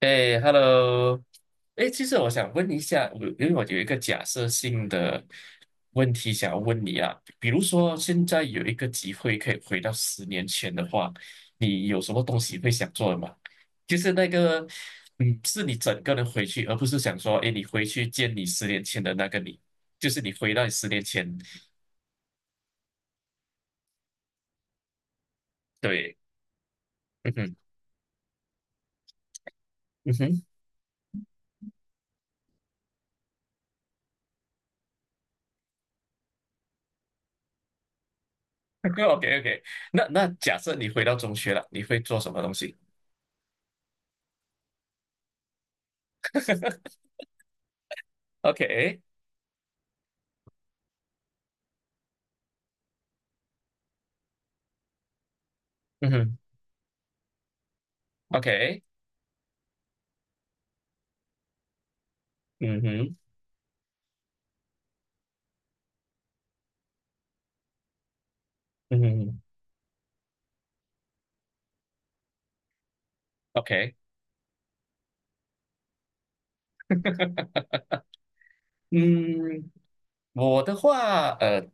哎，Hello，哎，其实我想问一下，因为我有一个假设性的问题想要问你啊，比如说现在有一个机会可以回到十年前的话，你有什么东西会想做的吗？就是那个，嗯，是你整个人回去，而不是想说，哎，你回去见你十年前的那个你，就是你回到你十年前，对，嗯哼，嗯哼 ，OK OK，那假设你回到中学了，你会做什么东西？OK，嗯哼，OK。嗯哼，嗯哼，OK，嗯，我的话，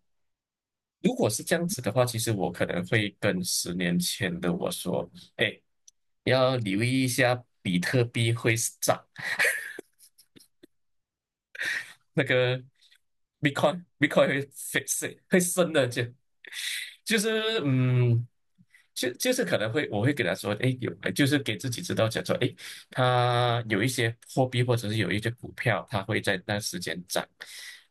如果是这样子的话，其实我可能会跟十年前的我说，哎，要留意一下比特币会涨，那个 Bitcoin 会 f i 会升的，就是嗯，就是可能会我会给他说，哎，有就是给自己知道讲说，哎，它有一些货币或者是有一些股票，它会在那时间涨，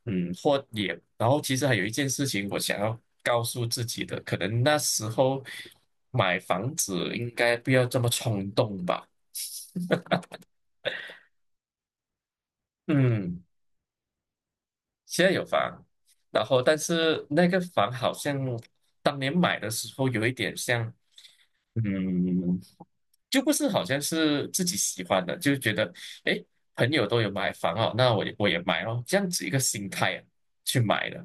嗯，或也然后其实还有一件事情我想要告诉自己的，可能那时候买房子应该不要这么冲动吧，嗯。现在有房，然后但是那个房好像当年买的时候有一点像，嗯，就不是好像是自己喜欢的，就觉得诶，朋友都有买房哦，那我也买哦，这样子一个心态啊去买的，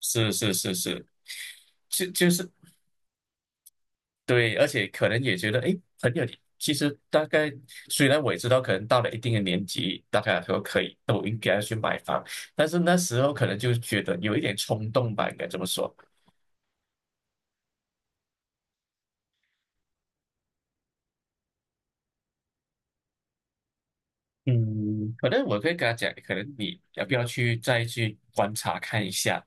是是是是，就就是对，而且可能也觉得，哎，很有。其实大概虽然我也知道，可能到了一定的年纪，大概说可以都应该要去买房，但是那时候可能就觉得有一点冲动吧，应该这么说。嗯，可能我可以跟他讲，可能你要不要去再去观察看一下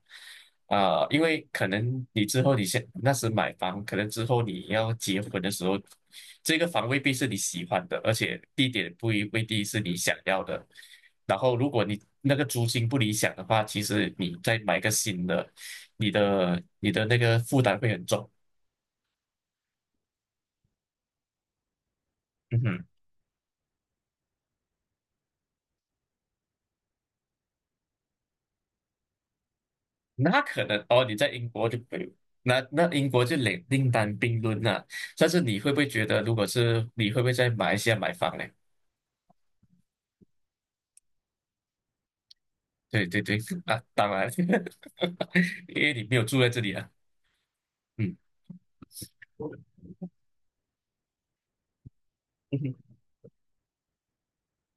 啊、因为可能你之后你先那时买房，可能之后你要结婚的时候，这个房未必是你喜欢的，而且地点不一未必是你想要的。然后，如果你那个租金不理想的话，其实你再买个新的，你的那个负担会很重。嗯哼。那可能哦，你在英国就没有那英国就另另当别论了。但是你会不会觉得，如果是你会不会在马来西亚买房呢？对对对，啊，当然，因为你没有住在这里啊。嗯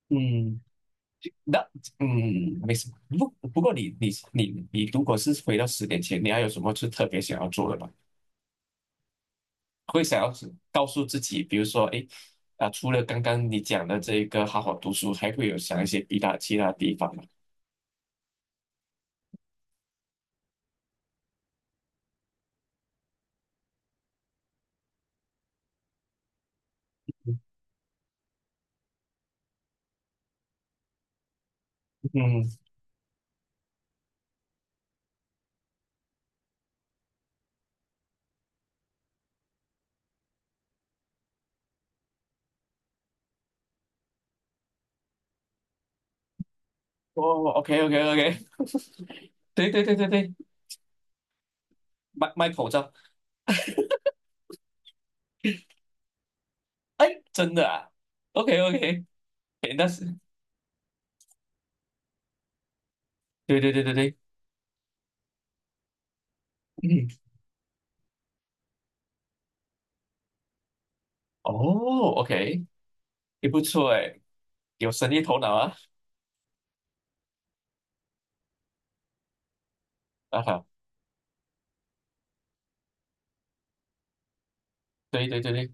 嗯，那嗯没什么。不过你如果是回到十年前，你还有什么是特别想要做的吗？会想要是告诉自己，比如说，哎，啊，除了刚刚你讲的这个好好读书，还会有想一些其他地方吗？嗯，哦，OK OK OK，对对对对对，卖口罩，哎，真的啊，OK OK，哎，那是，对对对对对，嗯，哦，OK，也不错哎，有生意头脑啊，啊哈，对对对对，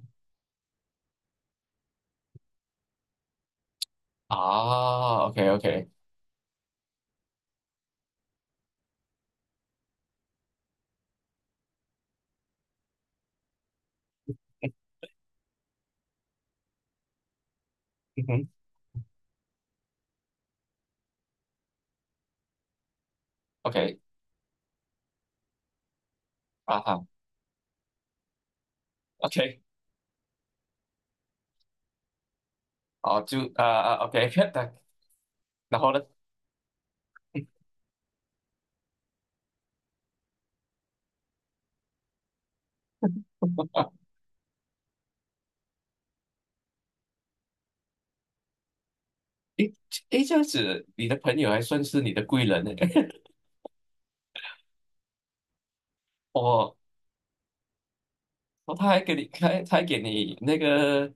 啊，OK OK，嗯哼，OK，啊哈，OK，好，就啊啊，OK，然后呢，诶诶，这样子，你的朋友还算是你的贵人呢，哦。哦，他还给你开，他还给你那个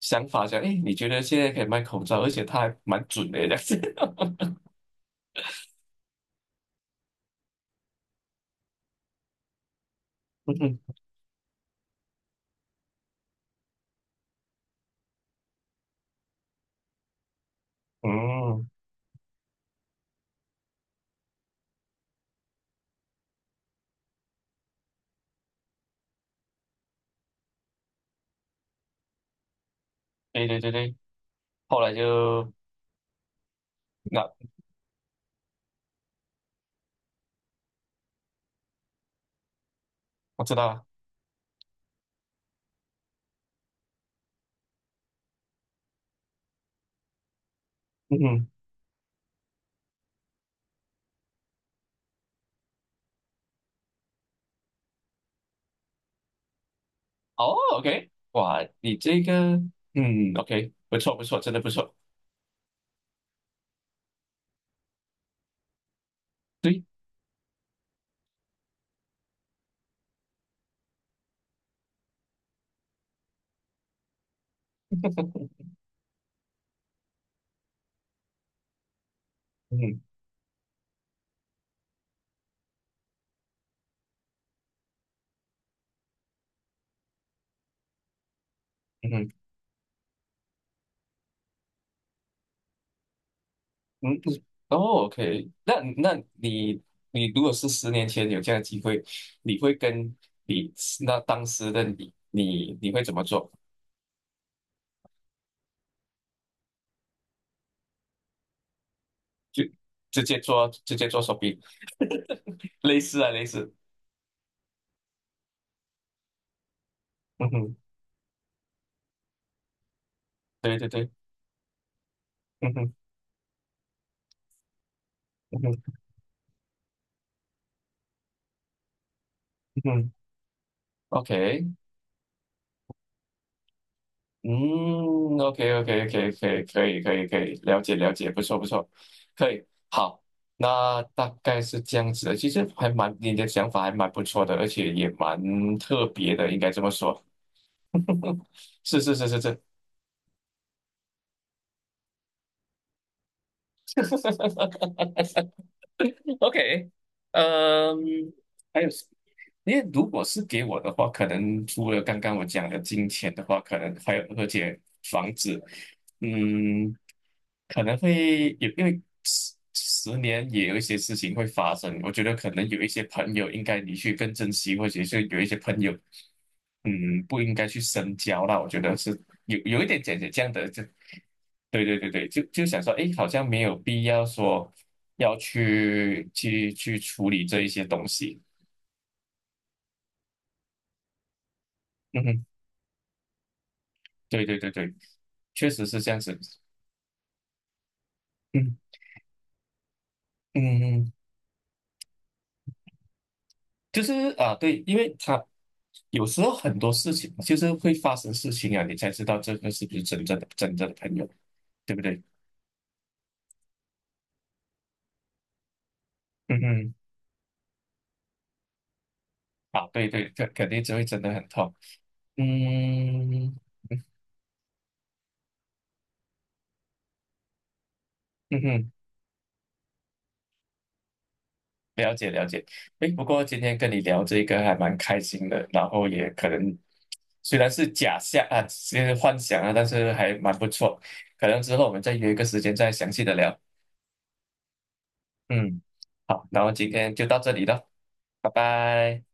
想法，讲，诶，你觉得现在可以卖口罩，而且他还蛮准的这样子。嗯哼嗯，对对对对，后来就那我知道了。嗯哼，哦，OK，哇，你这个，嗯，OK，不错不错，真的不错。对，嗯哼嗯哼嗯，哦，OK，那那你你如果是十年前有这样的机会，你会跟你那当时的你，你你会怎么做？就直接做手臂，类似，嗯哼，对对对，嗯哼嗯哼嗯哼，OK，嗯，OK OK OK 可以可以可以可以，了解了解，不错不错，可以，好，那大概是这样子的，其实还蛮你的想法还蛮不错的，而且也蛮特别的，应该这么说，是是是是是。OK，嗯，还有，因为如果是给我的话，可能除了刚刚我讲的金钱的话，可能还有而且房子，嗯，可能会有，因为十年也有一些事情会发生。我觉得可能有一些朋友应该你去更珍惜，或者是有一些朋友，嗯，不应该去深交啦。我觉得是有一点姐姐这样的，就对对对对，就就想说，哎，好像没有必要说要去处理这一些东西。嗯哼，对对对对，确实是这样子。嗯嗯嗯，就是啊，对，因为他有时候很多事情就是会发生事情啊，你才知道这个是不是真正的朋友，对不对？嗯嗯，啊，对对，肯定就会真的很痛。嗯嗯哼，了解了解。诶，不过今天跟你聊这个还蛮开心的，然后也可能虽然是假象啊，是幻想啊，但是还蛮不错。可能之后我们再约一个时间再详细的聊。嗯，好，然后今天就到这里了，拜拜。